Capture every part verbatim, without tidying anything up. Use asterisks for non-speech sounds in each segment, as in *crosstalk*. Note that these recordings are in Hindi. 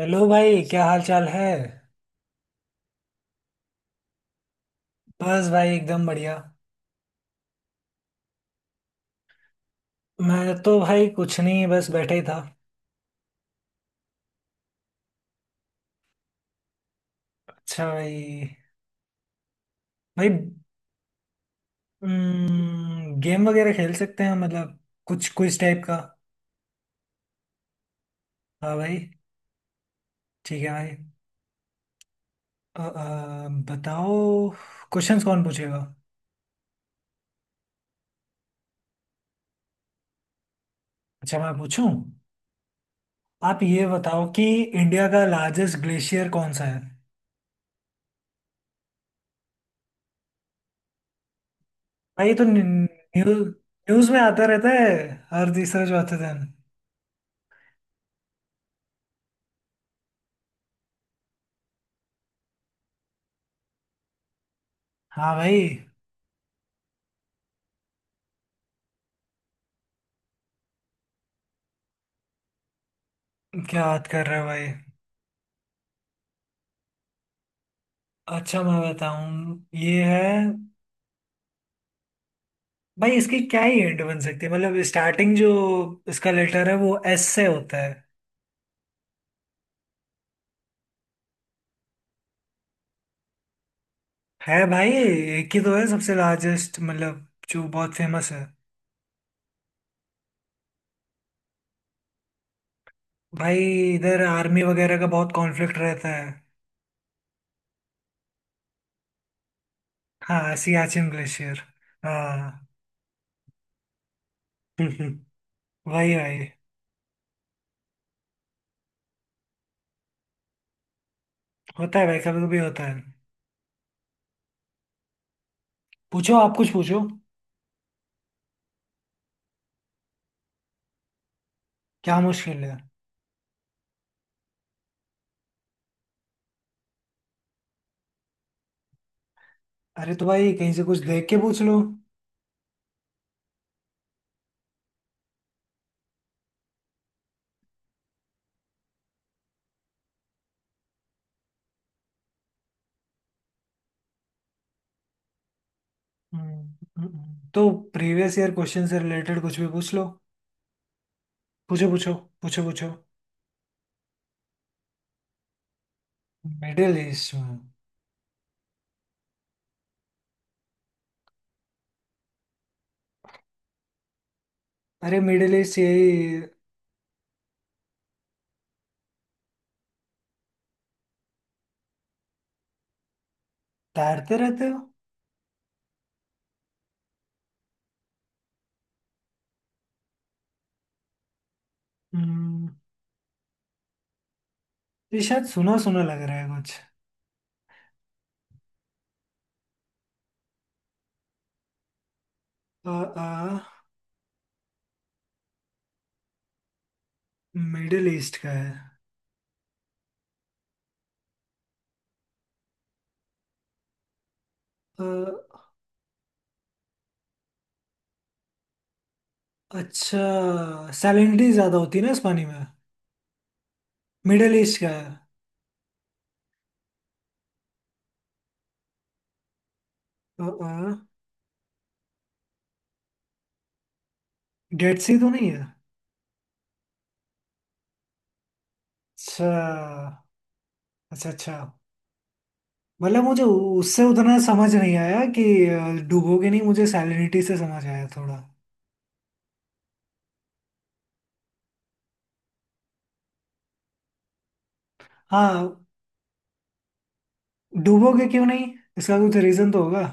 हेलो भाई, क्या हाल चाल है। बस भाई एकदम बढ़िया। मैं तो भाई कुछ नहीं, बस बैठा ही था। अच्छा भाई। भाई गेम वगैरह खेल सकते हैं, मतलब कुछ कुछ टाइप का। हाँ भाई। ठीक है भाई। अ, अ, बताओ। क्वेश्चंस कौन पूछेगा? अच्छा मैं पूछूं। आप ये बताओ कि इंडिया का लार्जेस्ट ग्लेशियर कौन सा है। भाई ये तो न्यूज, न्यूज में आता रहता है हर तीसरा चौथे दिन। हाँ भाई। क्या बात कर रहे हो भाई। अच्छा मैं बताऊं ये है। भाई इसकी क्या ही हिंट बन सकती है, मतलब स्टार्टिंग जो इसका लेटर है वो एस से होता है। है भाई, एक ही तो है सबसे लार्जेस्ट, मतलब जो बहुत फेमस है। भाई इधर आर्मी वगैरह का बहुत कॉन्फ्लिक्ट रहता है। हाँ सियाचिन ग्लेशियर। हाँ। *laughs* वही भाई। होता है भाई, कभी कभी होता है। पूछो, आप कुछ पूछो। क्या मुश्किल है? अरे तो भाई कहीं से कुछ देख के पूछ लो। हम्म। हम्म। तो प्रीवियस ईयर क्वेश्चन से रिलेटेड कुछ भी पूछ लो। पूछो पूछो पूछो पूछो मिडिल ईस्ट में? अरे मिडिल ईस्ट यही। तैरते रहते हो। हम्म, ये शायद सुना सुना लग रहा है कुछ। आ, आ, मिडिल ईस्ट का है। अ, अच्छा सैलिनिटी ज्यादा होती है ना इस पानी में। मिडिल ईस्ट का है। आ, आ, डेड सी तो नहीं है? अच्छा अच्छा। अच्छा, मतलब मुझे उससे उतना समझ नहीं आया कि अ, डूबोगे नहीं। मुझे सैलिनिटी से समझ आया थोड़ा। हाँ। डूबोगे क्यों नहीं? इसका कुछ रीजन तो होगा।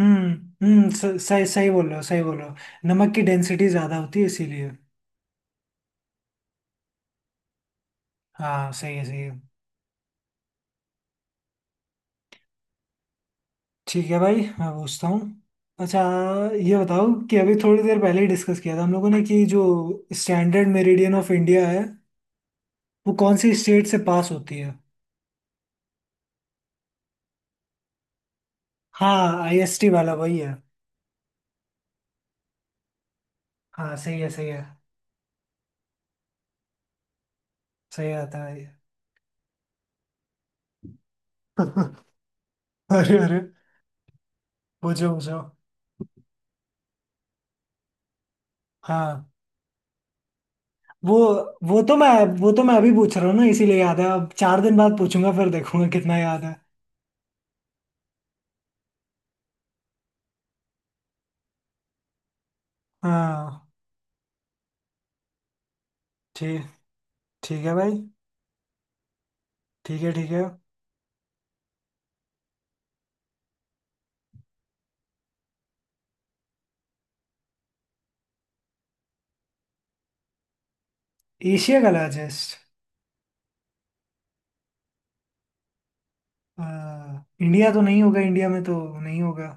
हम्म। हम्म स- सही सही बोल रहे हो, सही बोल रहे हो। नमक की डेंसिटी ज्यादा होती है इसीलिए। हाँ सही है सही है। ठीक है भाई, मैं पूछता हूँ। अच्छा, ये बताओ कि अभी थोड़ी देर पहले ही डिस्कस किया था हम लोगों ने, कि जो स्टैंडर्ड मेरिडियन ऑफ इंडिया है, वो कौन सी स्टेट से पास होती है। हाँ आईएसटी वाला वही है। हाँ सही है सही है। सही आता है। *laughs* अरे अरे। पूछो पूछो। हाँ वो वो तो मैं, वो तो मैं अभी पूछ रहा हूँ ना इसीलिए याद है। अब चार दिन बाद पूछूंगा फिर देखूंगा कितना याद है। हाँ ठीक। ठीक है भाई, ठीक है ठीक है। एशिया का लार्जेस्ट? इंडिया तो नहीं होगा, इंडिया में तो नहीं होगा।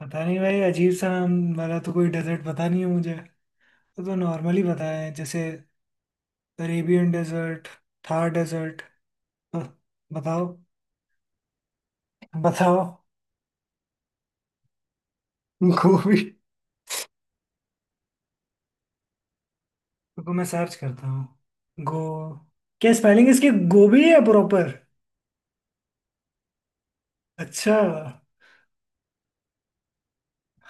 पता नहीं भाई, अजीब सा नाम वाला तो कोई डेजर्ट पता नहीं है मुझे। वो तो नॉर्मली पता है, जैसे अरेबियन डेजर्ट, थार डेजर्ट। बताओ। बताओ। गोभी? रुको मैं सर्च करता हूँ गो। क्या स्पेलिंग इसकी गोभी है प्रॉपर? अच्छा।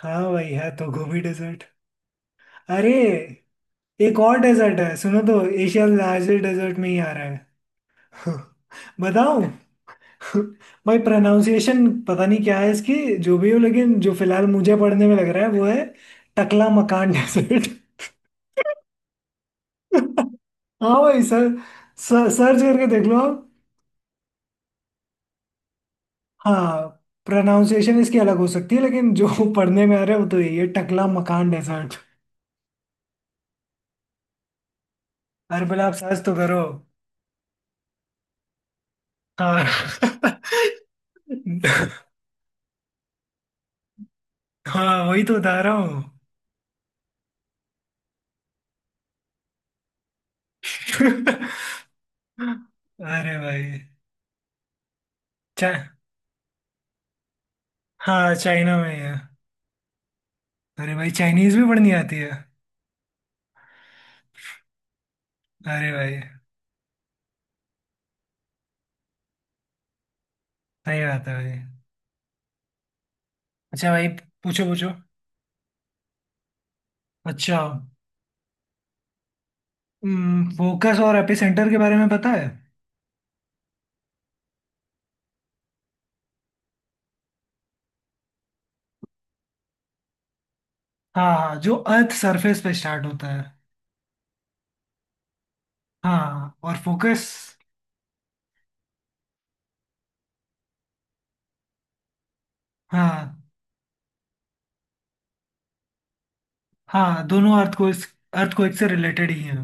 हाँ भाई है तो गोभी डेजर्ट। अरे एक और डेजर्ट है, सुनो, तो एशिया लार्जेस्ट डेजर्ट में ही आ रहा है। *laughs* बताऊं। *laughs* भाई प्रोनाउंसिएशन पता नहीं क्या है इसकी, जो भी हो, लेकिन जो फिलहाल मुझे पढ़ने में लग रहा है वो है टकला मकान डेजर्ट। *laughs* हाँ भाई सर, सर्च करके देख लो आप। हाँ प्रोनाउंसिएशन इसकी अलग हो सकती है लेकिन जो *laughs* पढ़ने में आ रहा है वो तो यही है, टकला मकान डेजर्ट। अरे पहले आप सर्च तो करो। हाँ। *laughs* हाँ वही तो बता रहा हूँ। *laughs* अरे भाई। चा, हाँ चाइना में ही है। अरे भाई चाइनीज भी पढ़नी आती है। अरे भाई, सही बात है भाई। अच्छा भाई, पूछो पूछो। अच्छा, फोकस और एपिसेंटर के बारे में पता है? हाँ हाँ, जो अर्थ सरफेस पे स्टार्ट होता है। हाँ और फोकस। हाँ हाँ दोनों अर्थक्वेक अर्थक्वेक से रिलेटेड ही हैं।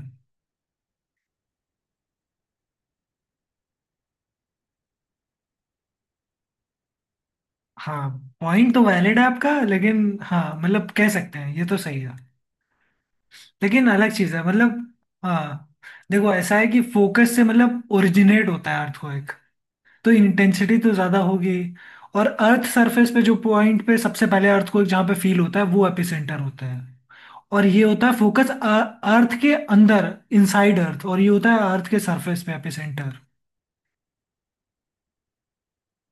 हाँ पॉइंट तो वैलिड है आपका, लेकिन हाँ मतलब कह सकते हैं, ये तो सही है, लेकिन अलग चीज़ है मतलब। हाँ देखो, ऐसा है कि फोकस से मतलब ओरिजिनेट होता है अर्थक्वेक, तो इंटेंसिटी तो ज़्यादा होगी। और अर्थ सरफेस पे जो पॉइंट पे सबसे पहले अर्थक्वेक जहाँ पे फील होता है वो एपिसेंटर होता है। और ये होता है फोकस, अर्थ के अंदर, इनसाइड अर्थ। और ये होता है अर्थ के सरफेस पे एपिसेंटर।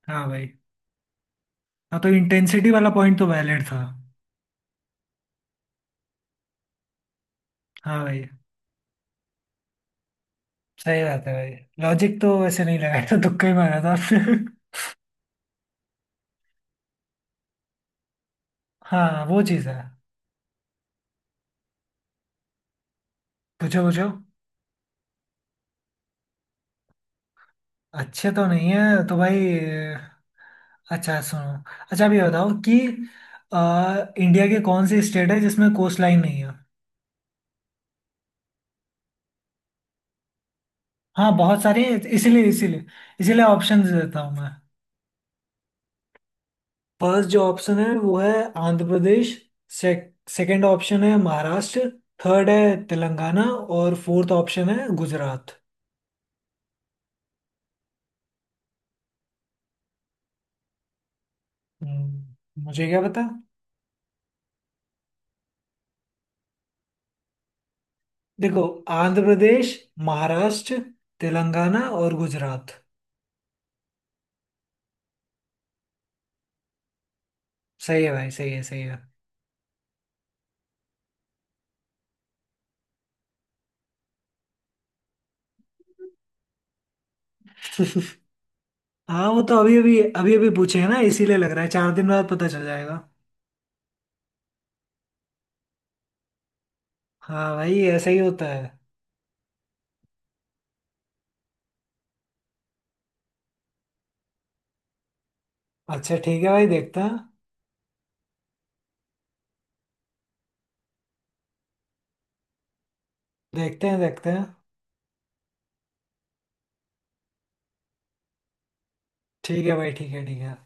हाँ भाई। हाँ तो इंटेंसिटी वाला पॉइंट तो वैलिड था। हाँ भाई, सही बात है भाई। लॉजिक तो वैसे नहीं लगाया था, तुक्का ही मारा था आपने। *laughs* हाँ वो चीज़ है। पूछो पूछो। अच्छे तो नहीं है, तो भाई अच्छा सुनो, अच्छा अभी बताओ कि अ, इंडिया के कौन सी स्टेट है जिसमें कोस्ट लाइन नहीं है। हाँ बहुत सारे, इसीलिए इसीलिए इसीलिए ऑप्शंस देता हूँ मैं। फर्स्ट जो ऑप्शन है वो है आंध्र प्रदेश। सेकंड ऑप्शन है महाराष्ट्र। थर्ड है तेलंगाना। और फोर्थ ऑप्शन है गुजरात। हम्म, मुझे क्या पता। देखो, आंध्र प्रदेश, महाराष्ट्र, तेलंगाना और गुजरात। सही है भाई, सही है सही है। *laughs* हाँ वो तो अभी अभी अभी अभी पूछे हैं ना इसीलिए लग रहा है, चार दिन बाद पता चल जाएगा। हाँ भाई ऐसा ही होता है। अच्छा ठीक है भाई, देखते हैं देखते हैं देखते हैं। ठीक है भाई, ठीक है ठीक है।